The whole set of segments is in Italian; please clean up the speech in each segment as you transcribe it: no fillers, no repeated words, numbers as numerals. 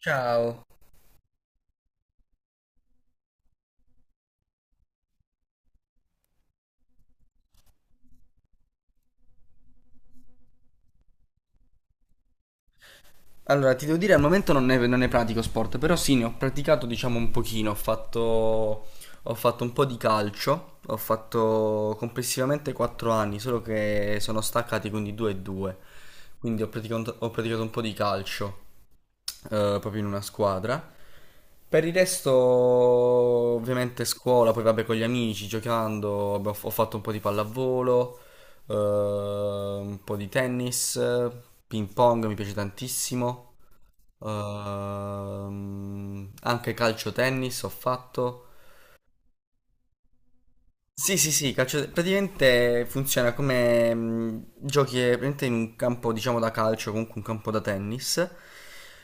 Ciao. Allora, ti devo dire, al momento non ne pratico sport, però sì, ne ho praticato, diciamo, un pochino. Ho fatto un po' di calcio, ho fatto complessivamente 4 anni, solo che sono staccati, quindi 2 e 2. Quindi ho praticato un po' di calcio, proprio in una squadra. Per il resto, ovviamente scuola, poi vabbè con gli amici, giocando, ho fatto un po' di pallavolo, un po' di tennis, ping pong mi piace tantissimo, anche calcio tennis ho fatto. Sì, sì, sì, praticamente funziona come, giochi, praticamente in un campo, diciamo, da calcio, comunque un campo da tennis,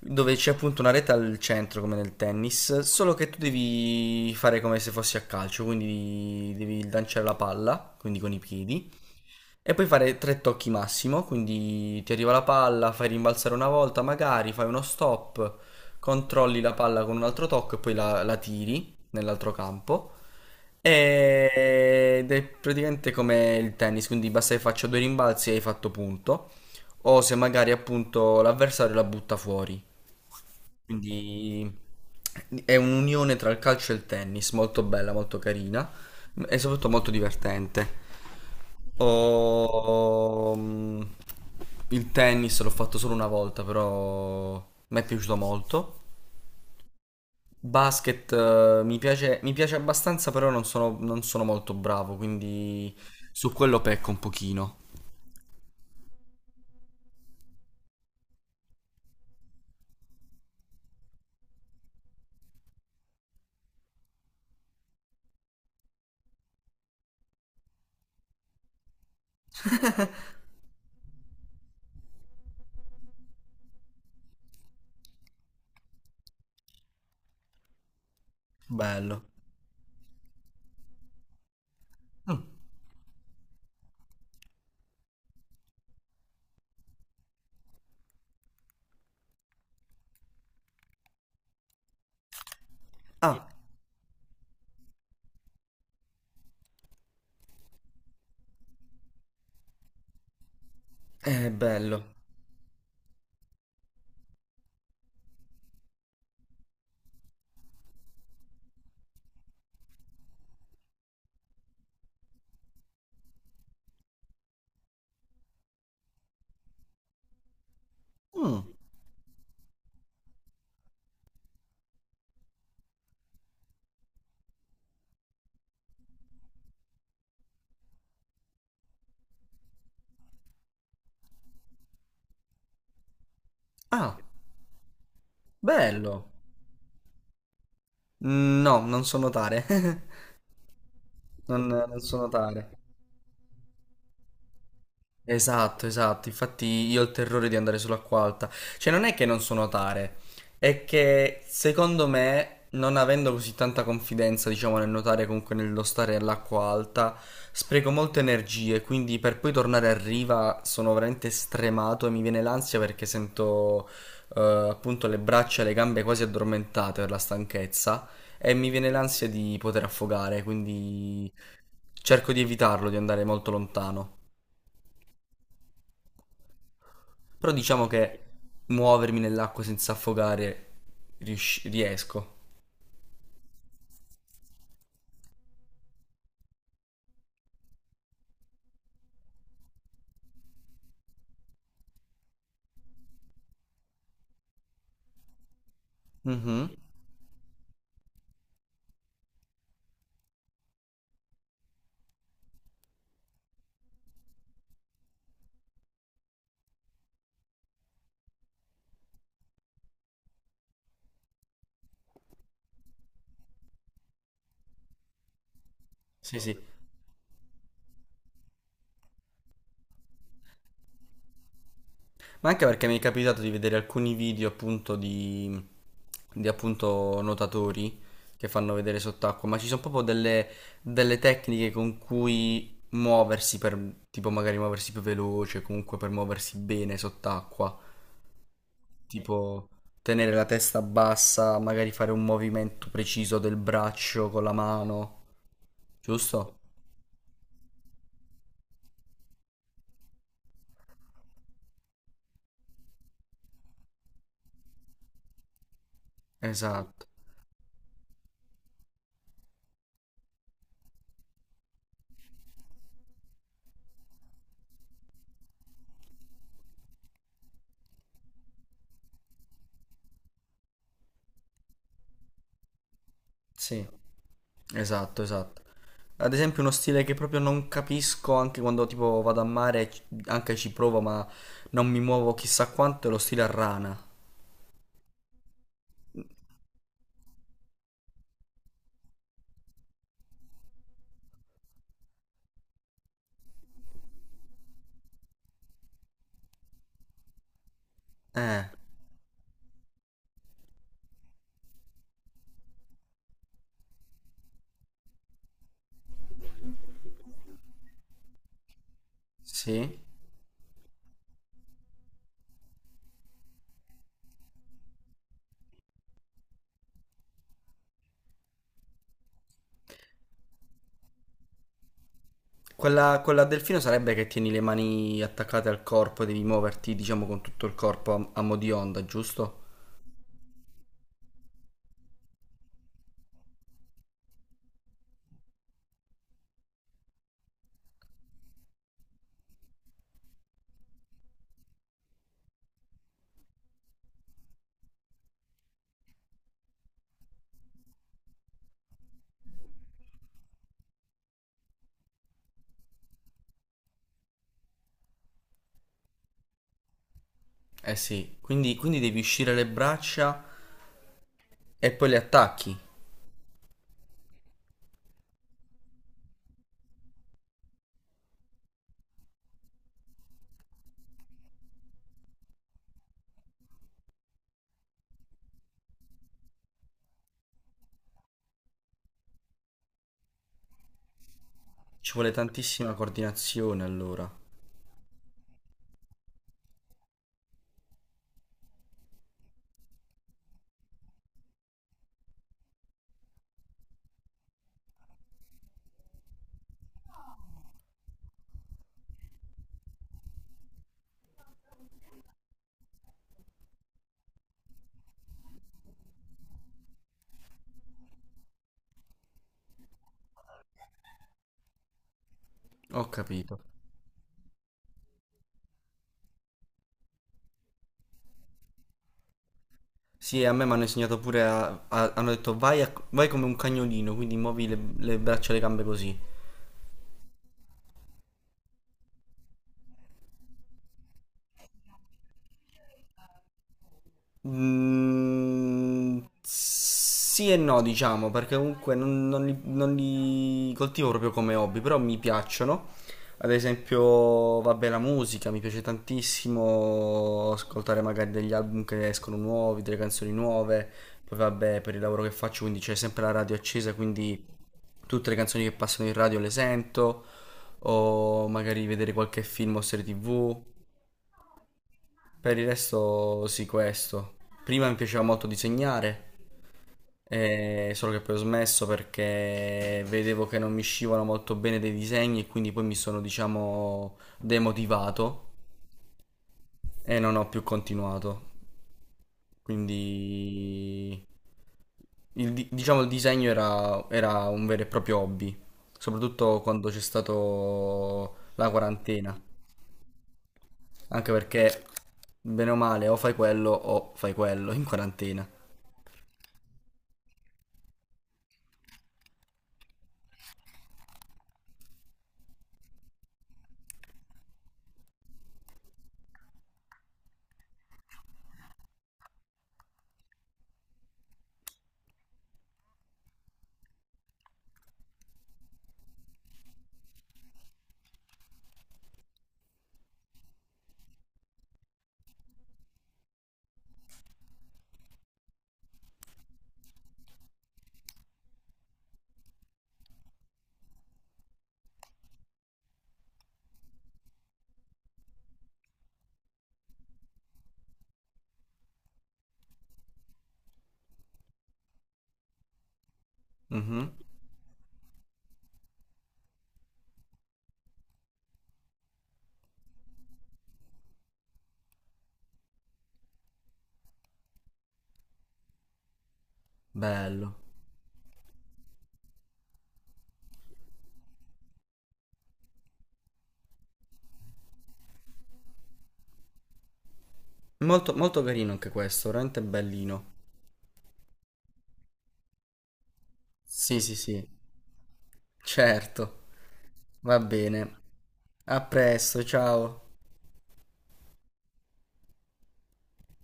dove c'è appunto una rete al centro, come nel tennis, solo che tu devi fare come se fossi a calcio, quindi devi lanciare la palla, quindi con i piedi, e puoi fare tre tocchi massimo, quindi ti arriva la palla, fai rimbalzare una volta magari, fai uno stop, controlli la palla con un altro tocco e poi la tiri nell'altro campo. Ed è praticamente come il tennis, quindi basta che faccia due rimbalzi e hai fatto punto. O se magari appunto l'avversario la butta fuori. Quindi è un'unione tra il calcio e il tennis, molto bella, molto carina e soprattutto molto divertente. Ho- mm, Il tennis l'ho fatto solo una volta, però mi è piaciuto molto. Basket, mi piace abbastanza, però non sono molto bravo, quindi su quello pecco un pochino. Bello. Mm. Ah, è bello. Mm. Ah, bello. No, non so notare. Non so notare. Esatto, esatto. Infatti io ho il terrore di andare sull'acqua alta. Cioè, non è che non so nuotare, è che secondo me, non avendo così tanta confidenza, diciamo, nel nuotare, comunque nello stare all'acqua alta, spreco molte energie, quindi per poi tornare a riva sono veramente stremato e mi viene l'ansia perché sento, eh, appunto le braccia e le gambe quasi addormentate per la stanchezza e mi viene l'ansia di poter affogare, quindi cerco di evitarlo, di andare molto lontano. Però diciamo che muovermi nell'acqua senza affogare riesco. Mhm. Sì, sì. Ma anche perché mi è capitato di vedere alcuni video appunto di appunto nuotatori che fanno vedere sott'acqua, ma ci sono proprio delle, delle tecniche con cui muoversi per, tipo magari muoversi più veloce, comunque per muoversi bene sott'acqua, tipo tenere la testa bassa, magari fare un movimento preciso del braccio con la mano, giusto? Esatto, sì, esatto, esatto. Ad esempio uno stile che proprio non capisco anche quando tipo vado a mare, anche ci provo, ma non mi muovo chissà quanto, è lo stile a rana. Eh, sì. Quella, quella a delfino sarebbe che tieni le mani attaccate al corpo e devi muoverti, diciamo, con tutto il corpo a, a mo' di onda, giusto? Eh sì, quindi, quindi devi uscire le braccia e poi le attacchi. Ci vuole tantissima coordinazione allora. Ho capito. Sì, a me mi hanno insegnato pure hanno detto vai, vai come un cagnolino, quindi muovi le braccia e le gambe così. Mm, sì e no, diciamo, perché comunque non li coltivo proprio come hobby, però mi piacciono. Ad esempio, vabbè, la musica mi piace tantissimo ascoltare magari degli album che escono nuovi, delle canzoni nuove. Poi vabbè, per il lavoro che faccio, quindi c'è sempre la radio accesa, quindi tutte le canzoni che passano in radio le sento, o magari vedere qualche film o serie TV. Per il resto sì, questo. Prima mi piaceva molto disegnare, solo che poi ho smesso perché vedevo che non mi uscivano molto bene dei disegni e quindi poi mi sono, diciamo, demotivato e non ho più continuato. Quindi, il, diciamo, il disegno era, era un vero e proprio hobby, soprattutto quando c'è stato la quarantena, anche perché, bene o male, o fai quello in quarantena. Mhm. Bello. Molto, molto carino anche questo, veramente bellino. Sì, sì, sì. Certo. Va bene. A presto, ciao.